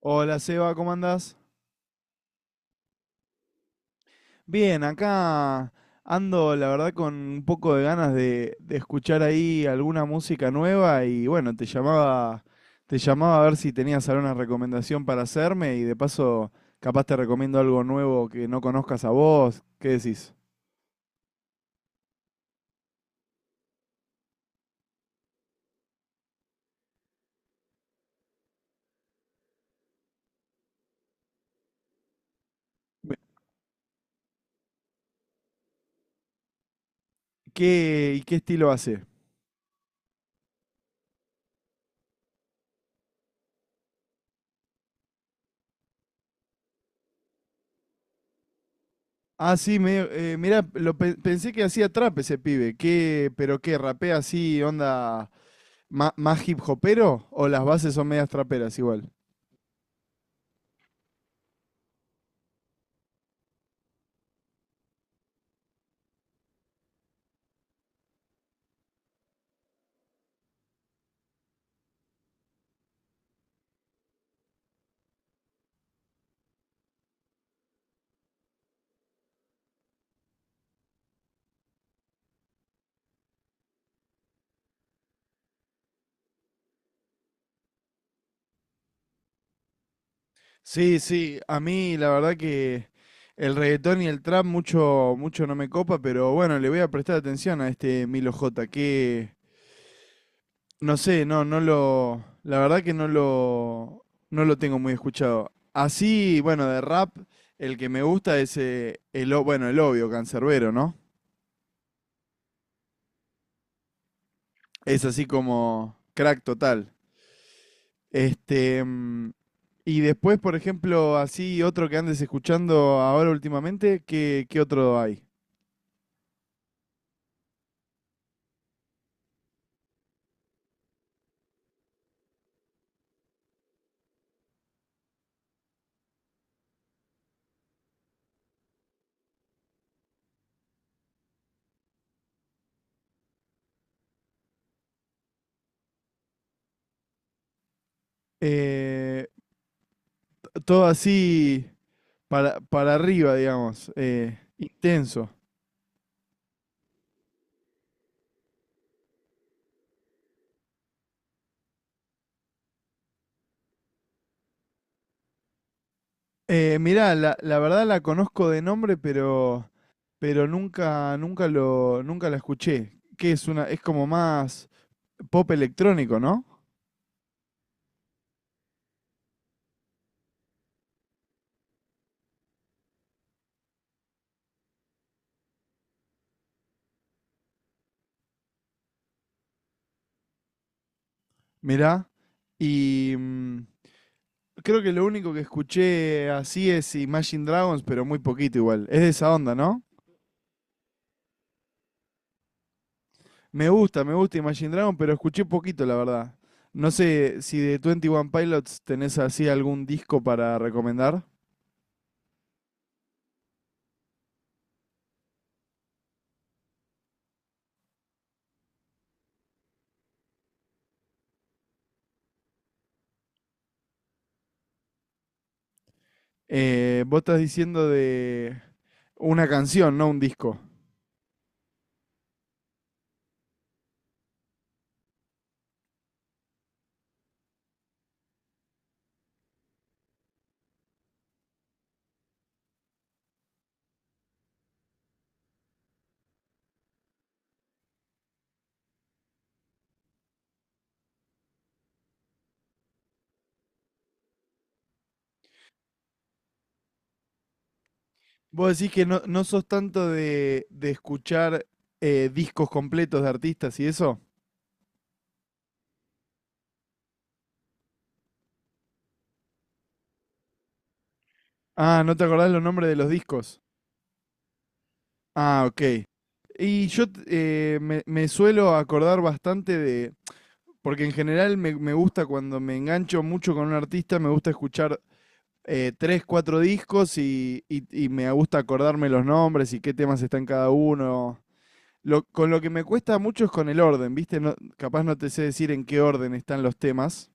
Hola Seba, ¿cómo andás? Bien, acá ando la verdad con un poco de ganas de escuchar ahí alguna música nueva y bueno, te llamaba a ver si tenías alguna recomendación para hacerme y de paso capaz te recomiendo algo nuevo que no conozcas a vos, ¿qué decís? Ve- ¿Qué, y qué estilo hace? Ah, sí, medio, mirá, pensé que hacía trap ese pibe, ¿qué, pero qué, rapea así, onda más hip hopero o las bases son medias traperas igual? Sí, sí, a mí la verdad que el reggaetón y el trap mucho, mucho no me copa, pero bueno, le voy a prestar atención a este Milo J, que no sé, no, no lo, la verdad que no lo tengo muy escuchado. Así, bueno, de rap, el que me gusta es bueno, el obvio, Cancerbero, ¿no? Es así como crack total. Este, y después, por ejemplo, así otro que andes escuchando ahora últimamente, ¿qué, qué otro hay? Eh, todo así para arriba, digamos, intenso. Mirá, la verdad la conozco de nombre, pero, nunca lo, nunca la escuché. Que es una, es como más pop electrónico, ¿no? Mirá. Y creo que lo único que escuché así es Imagine Dragons, pero muy poquito igual. Es de esa onda, ¿no? Me gusta Imagine Dragon, pero escuché poquito, la verdad. No sé si de 21 Pilots tenés así algún disco para recomendar. Vos estás diciendo de una canción, no un disco. Vos decís que no sos tanto de escuchar discos completos de artistas y eso. Ah, ¿no te acordás los nombres de los discos? Ah, ok. Me suelo acordar bastante de... Porque en general me gusta cuando me engancho mucho con un artista, me gusta escuchar tres, cuatro discos y me gusta acordarme los nombres y qué temas están cada uno. Con lo que me cuesta mucho es con el orden, ¿viste? Capaz no te sé decir en qué orden están los temas,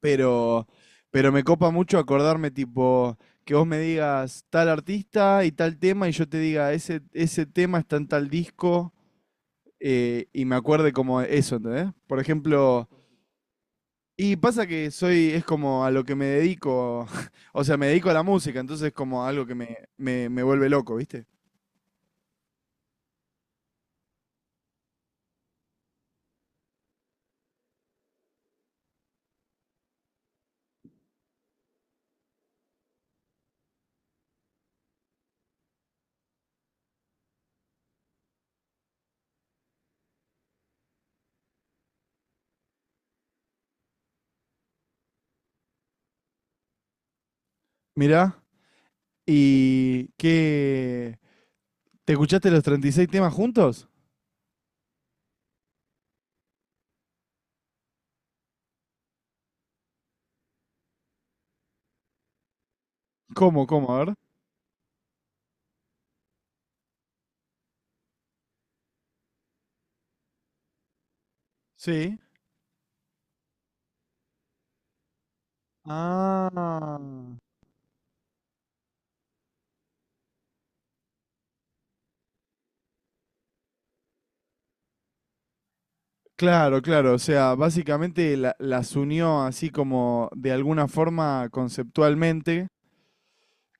pero, pero me copa mucho acordarme, tipo, que vos me digas tal artista y tal tema y yo te diga ese, ese tema está en tal disco, y me acuerde como eso, ¿entendés? Por ejemplo, y pasa que soy, es como a lo que me dedico, o sea, me dedico a la música, entonces es como algo que me vuelve loco, ¿viste? Mirá, ¿y qué? ¿Te escuchaste los treinta y seis temas juntos? ¿Cómo, cómo? A ver. Sí. Ah. Claro, claro, o sea, básicamente las unió así como de alguna forma conceptualmente,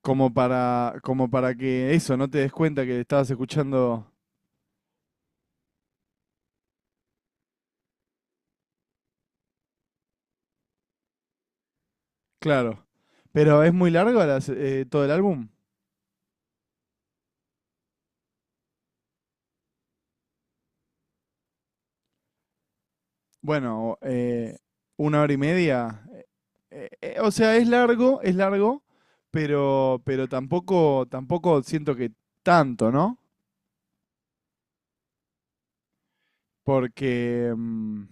como para, como para que eso, no te des cuenta que estabas escuchando. Claro. Pero es muy largo todo el álbum. Bueno, una hora y media. Eh, o sea, es largo, pero tampoco, tampoco siento que tanto, ¿no? Porque, mm,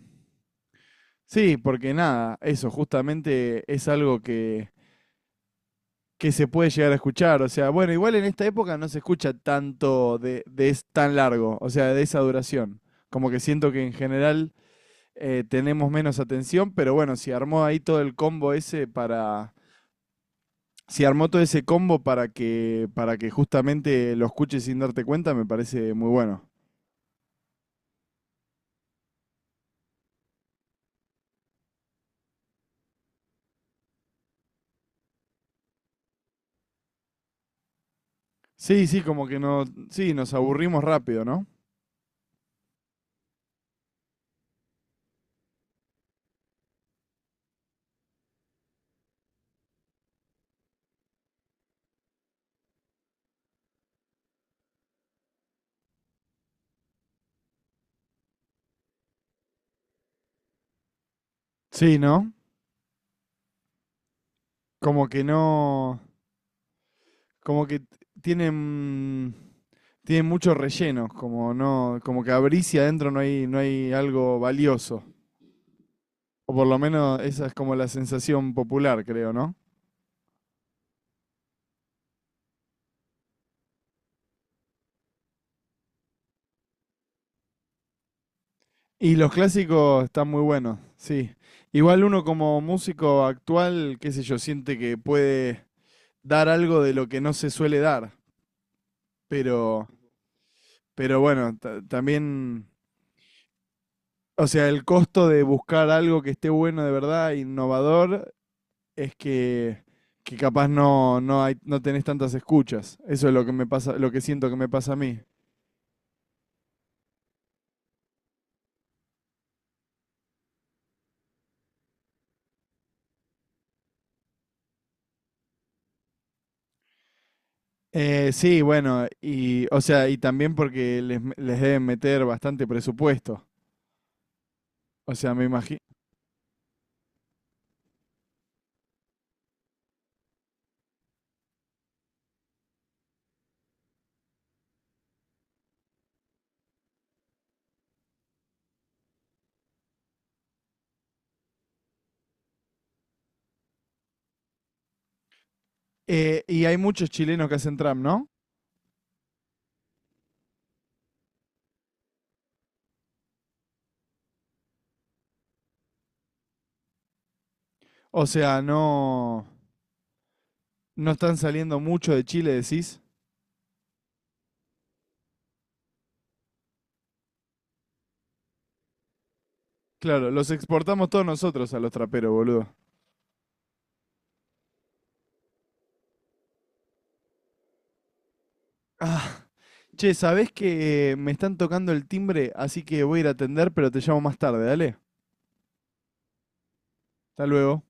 sí, porque nada, eso justamente es algo que se puede llegar a escuchar. O sea, bueno, igual en esta época no se escucha tanto de es tan largo, o sea, de esa duración. Como que siento que en general tenemos menos atención, pero bueno, si armó ahí todo el combo ese para... Si armó todo ese combo para que justamente lo escuches sin darte cuenta, me parece muy bueno. Sí, sí, como que no, sí, nos aburrimos rápido, ¿no? Sí, ¿no? Como que no, como que t- tienen, tienen mucho relleno, como no, como que abrís y adentro no hay, no hay algo valioso. O por lo menos esa es como la sensación popular, creo, ¿no? Y los clásicos están muy buenos, sí. Igual uno como músico actual, qué sé yo, siente que puede dar algo de lo que no se suele dar. Pero, pero bueno, también, o sea, el costo de buscar algo que esté bueno de verdad, innovador, es que capaz no, no hay, no tenés tantas escuchas. Eso es lo que me pasa, lo que siento que me pasa a mí. Sí, bueno, y, o sea, y también porque les deben meter bastante presupuesto. O sea, me imagino. Y hay muchos chilenos que hacen trap, ¿no? O sea, no, no están saliendo mucho de Chile, decís. Claro, los exportamos todos nosotros a los traperos, boludo. Ah, che, ¿sabés que me están tocando el timbre? Así que voy a ir a atender, pero te llamo más tarde, dale. Hasta luego.